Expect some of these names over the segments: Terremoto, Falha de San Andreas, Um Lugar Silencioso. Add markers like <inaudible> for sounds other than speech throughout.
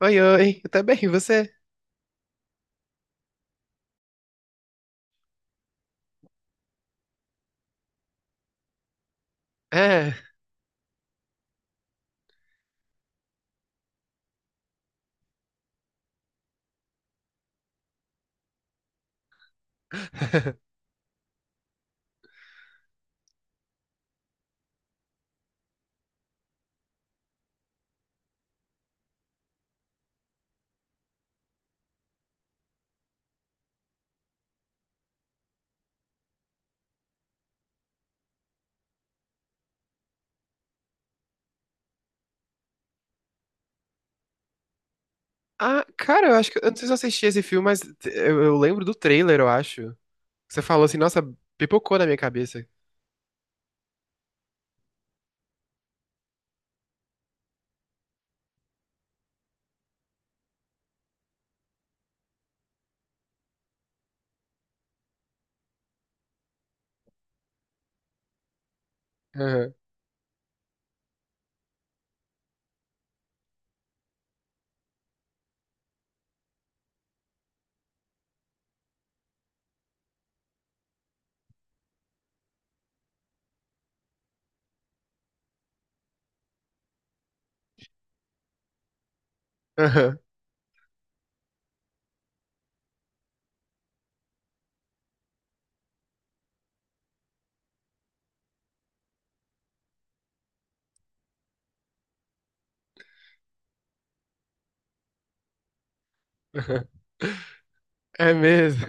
Oi, eu tô bem, e você? É. <laughs> Ah, cara, eu acho que. Eu não sei se eu assisti esse filme, mas eu lembro do trailer, eu acho. Você falou assim, nossa, pipocou na minha cabeça. Aham, aham, <laughs> aham. É mesmo?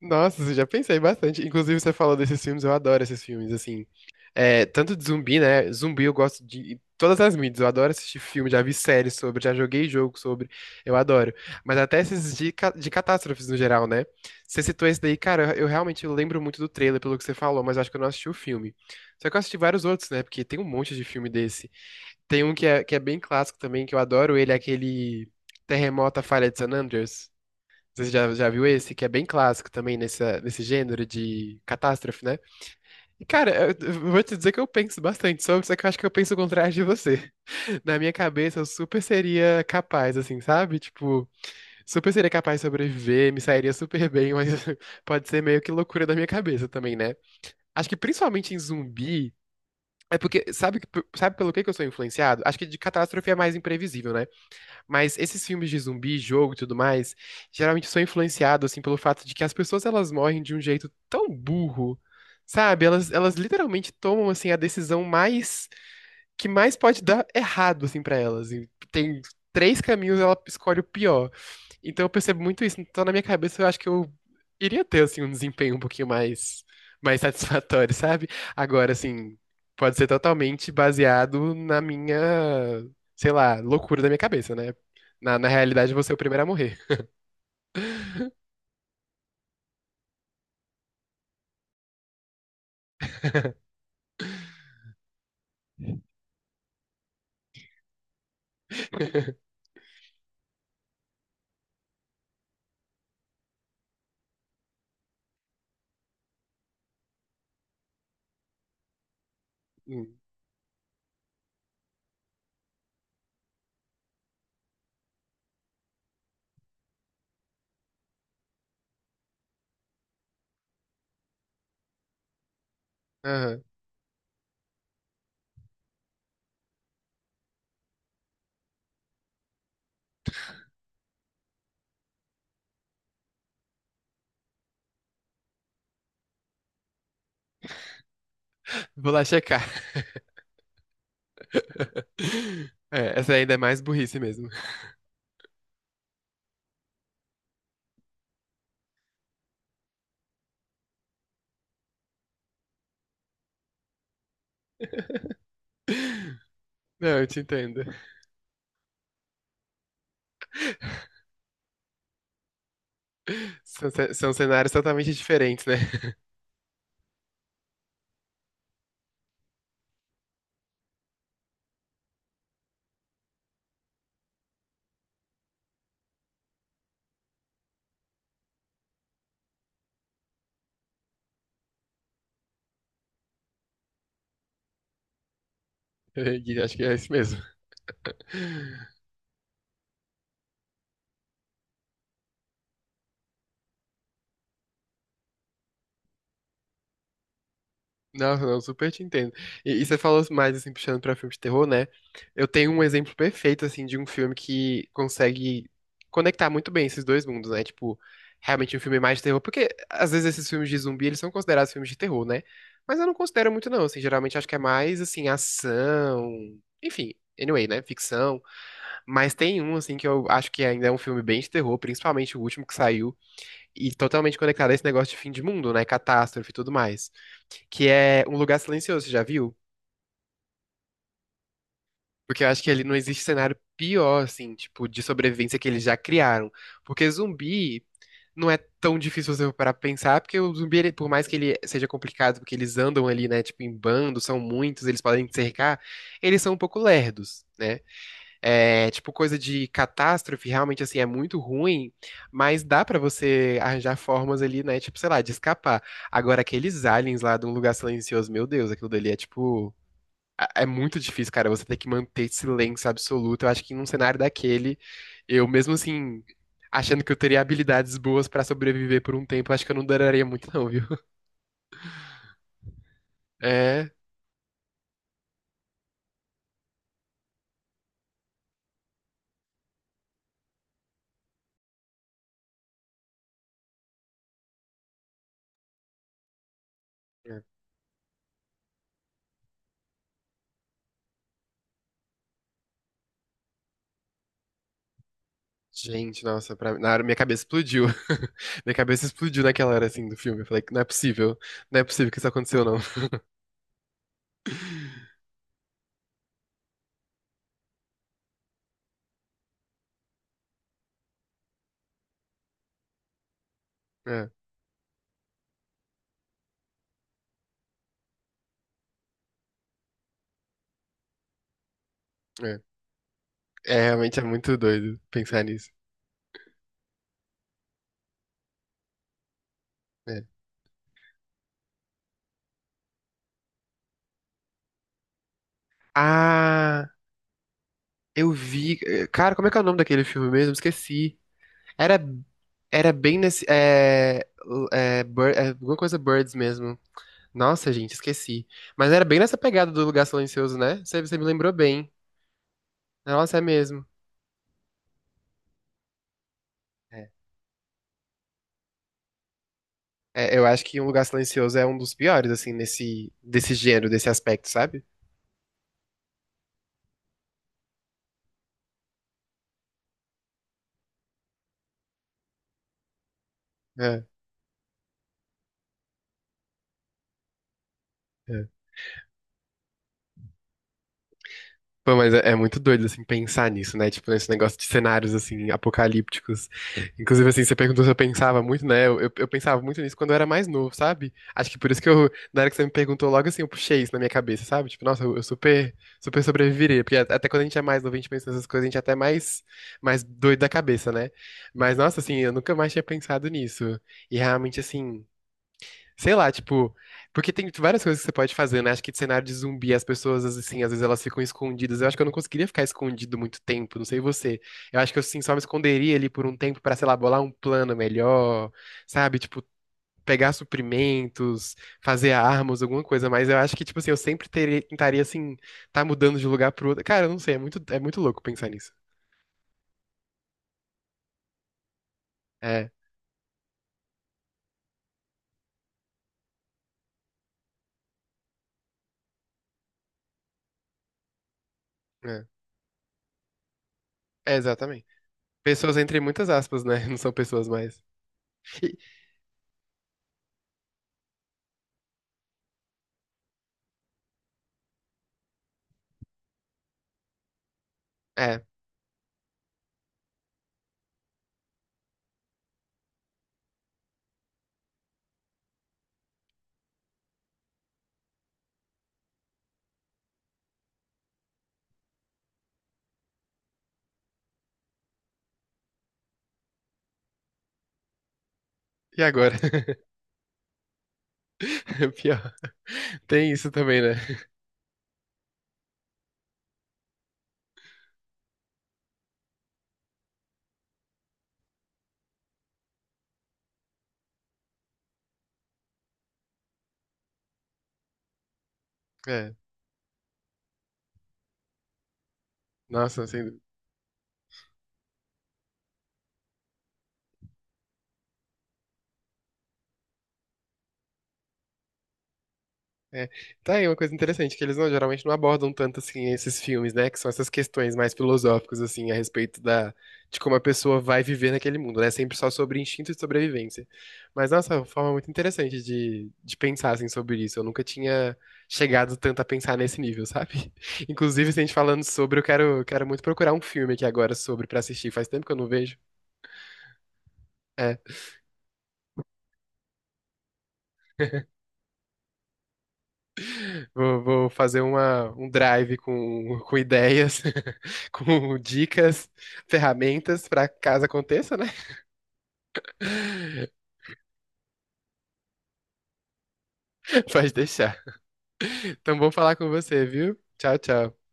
Nossa, eu já pensei bastante. Inclusive, você falou desses filmes, eu adoro esses filmes, assim. É, tanto de zumbi, né? Zumbi eu gosto de todas as mídias. Eu adoro assistir filme, já vi séries sobre, já joguei jogo sobre. Eu adoro. Mas até esses de catástrofes no geral, né? Você citou esse daí, cara, eu realmente lembro muito do trailer, pelo que você falou, mas acho que eu não assisti o filme. Só que eu assisti vários outros, né? Porque tem um monte de filme desse. Tem um que é bem clássico também, que eu adoro ele, é aquele Terremoto, a Falha de San Andreas. Você já viu esse, que é bem clássico também nesse gênero de catástrofe, né? E, cara, eu vou te dizer que eu penso bastante sobre, só que eu acho que eu penso o contrário de você. <laughs> Na minha cabeça, eu super seria capaz, assim, sabe? Tipo, super seria capaz de sobreviver, me sairia super bem, mas <laughs> pode ser meio que loucura da minha cabeça também, né? Acho que principalmente em zumbi. É porque, sabe, sabe pelo que eu sou influenciado? Acho que de catástrofe é mais imprevisível, né? Mas esses filmes de zumbi, jogo e tudo mais, geralmente são influenciados assim pelo fato de que as pessoas elas morrem de um jeito tão burro, sabe? Elas literalmente tomam assim a decisão mais que mais pode dar errado assim para elas. E tem três caminhos, ela escolhe o pior. Então eu percebo muito isso. Então na minha cabeça eu acho que eu iria ter assim um desempenho um pouquinho mais <laughs> satisfatório, sabe? Agora assim, pode ser totalmente baseado na minha, sei lá, loucura da minha cabeça, né? Na realidade eu vou ser o primeiro a morrer. <laughs> Hum, aham. Vou lá checar. <laughs> É, essa ainda é mais burrice mesmo. Não, eu te entendo. São cenários totalmente diferentes, né? <laughs> E acho que é isso mesmo. Nossa, eu super te entendo. E você falou mais, assim, puxando pra filme de terror, né? Eu tenho um exemplo perfeito, assim, de um filme que consegue conectar muito bem esses dois mundos, né? Tipo, realmente um filme mais de terror, porque às vezes esses filmes de zumbi, eles são considerados filmes de terror, né? Mas eu não considero muito, não, assim, geralmente acho que é mais, assim, ação, enfim, anyway, né? Ficção. Mas tem um, assim, que eu acho que ainda é um filme bem de terror, principalmente o último que saiu, e totalmente conectado a esse negócio de fim de mundo, né? Catástrofe e tudo mais que é Um Lugar Silencioso, já viu? Porque eu acho que ali não existe cenário pior, assim, tipo, de sobrevivência que eles já criaram. Porque zumbi não é tão difícil você parar pra pensar, porque o zumbi, por mais que ele seja complicado, porque eles andam ali, né, tipo, em bando, são muitos, eles podem te cercar, eles são um pouco lerdos, né? É, tipo, coisa de catástrofe, realmente, assim, é muito ruim, mas dá pra você arranjar formas ali, né, tipo, sei lá, de escapar. Agora, aqueles aliens lá de Um Lugar Silencioso, meu Deus, aquilo dali é, tipo... é muito difícil, cara. Você tem que manter silêncio absoluto. Eu acho que num cenário daquele, eu mesmo assim, achando que eu teria habilidades boas pra sobreviver por um tempo, eu acho que eu não duraria muito, não, viu? <laughs> É. É. Gente, nossa, pra... na hora minha cabeça explodiu. <laughs> Minha cabeça explodiu naquela hora assim do filme. Eu falei, não é possível. Não é possível que isso aconteceu, não. <laughs> É, é. É, realmente é muito doido pensar nisso. É. Ah, eu vi. Cara, como é que é o nome daquele filme mesmo? Esqueci. Era, era bem nesse. É, é, alguma coisa Birds mesmo. Nossa, gente, esqueci. Mas era bem nessa pegada do Lugar Silencioso, né? Você me lembrou bem. Nossa, é mesmo. É. É, eu acho que Um Lugar Silencioso é um dos piores, assim, desse gênero, desse aspecto, sabe? É, é. Pô, mas é muito doido, assim, pensar nisso, né? Tipo, nesse negócio de cenários, assim, apocalípticos. Inclusive, assim, você perguntou se eu pensava muito, né? Eu pensava muito nisso quando eu era mais novo, sabe? Acho que por isso que eu, na hora que você me perguntou, logo assim, eu puxei isso na minha cabeça, sabe? Tipo, nossa, eu super, super sobreviveria. Porque até quando a gente é mais novo, a gente pensa nessas coisas, a gente é até mais doido da cabeça, né? Mas, nossa, assim, eu nunca mais tinha pensado nisso. E realmente, assim. Sei lá, tipo, porque tem várias coisas que você pode fazer, né? Acho que de cenário de zumbi, as pessoas, assim, às vezes elas ficam escondidas. Eu acho que eu não conseguiria ficar escondido muito tempo, não sei você. Eu acho que eu, assim, só me esconderia ali por um tempo pra, sei lá, bolar um plano melhor, sabe? Tipo, pegar suprimentos, fazer armas, alguma coisa. Mas eu acho que, tipo assim, eu sempre teria, tentaria, assim, tá mudando de lugar pro outro. Cara, eu não sei, é muito louco pensar nisso. É, é, é exatamente. Pessoas entre muitas aspas, né? <laughs> Não são pessoas mais. E- é, e agora? <laughs> <laughs> Pior. Tem isso também, né? É. Nossa, assim. É. Tá aí uma coisa interessante, que eles não, geralmente não abordam tanto assim esses filmes, né? Que são essas questões mais filosóficas, assim, a respeito de como a pessoa vai viver naquele mundo, né? É sempre só sobre instinto de sobrevivência. Mas, nossa, é uma forma muito interessante de pensar, assim, sobre isso. Eu nunca tinha chegado tanto a pensar nesse nível, sabe? <laughs> Inclusive, se a gente falando sobre, eu quero, quero muito procurar um filme aqui agora sobre pra assistir. Faz tempo que eu não vejo. É, vou fazer uma, um drive com ideias, <laughs> com dicas, ferramentas para caso aconteça, né? <laughs> Pode deixar. Então, bom falar com você, viu? Tchau, tchau.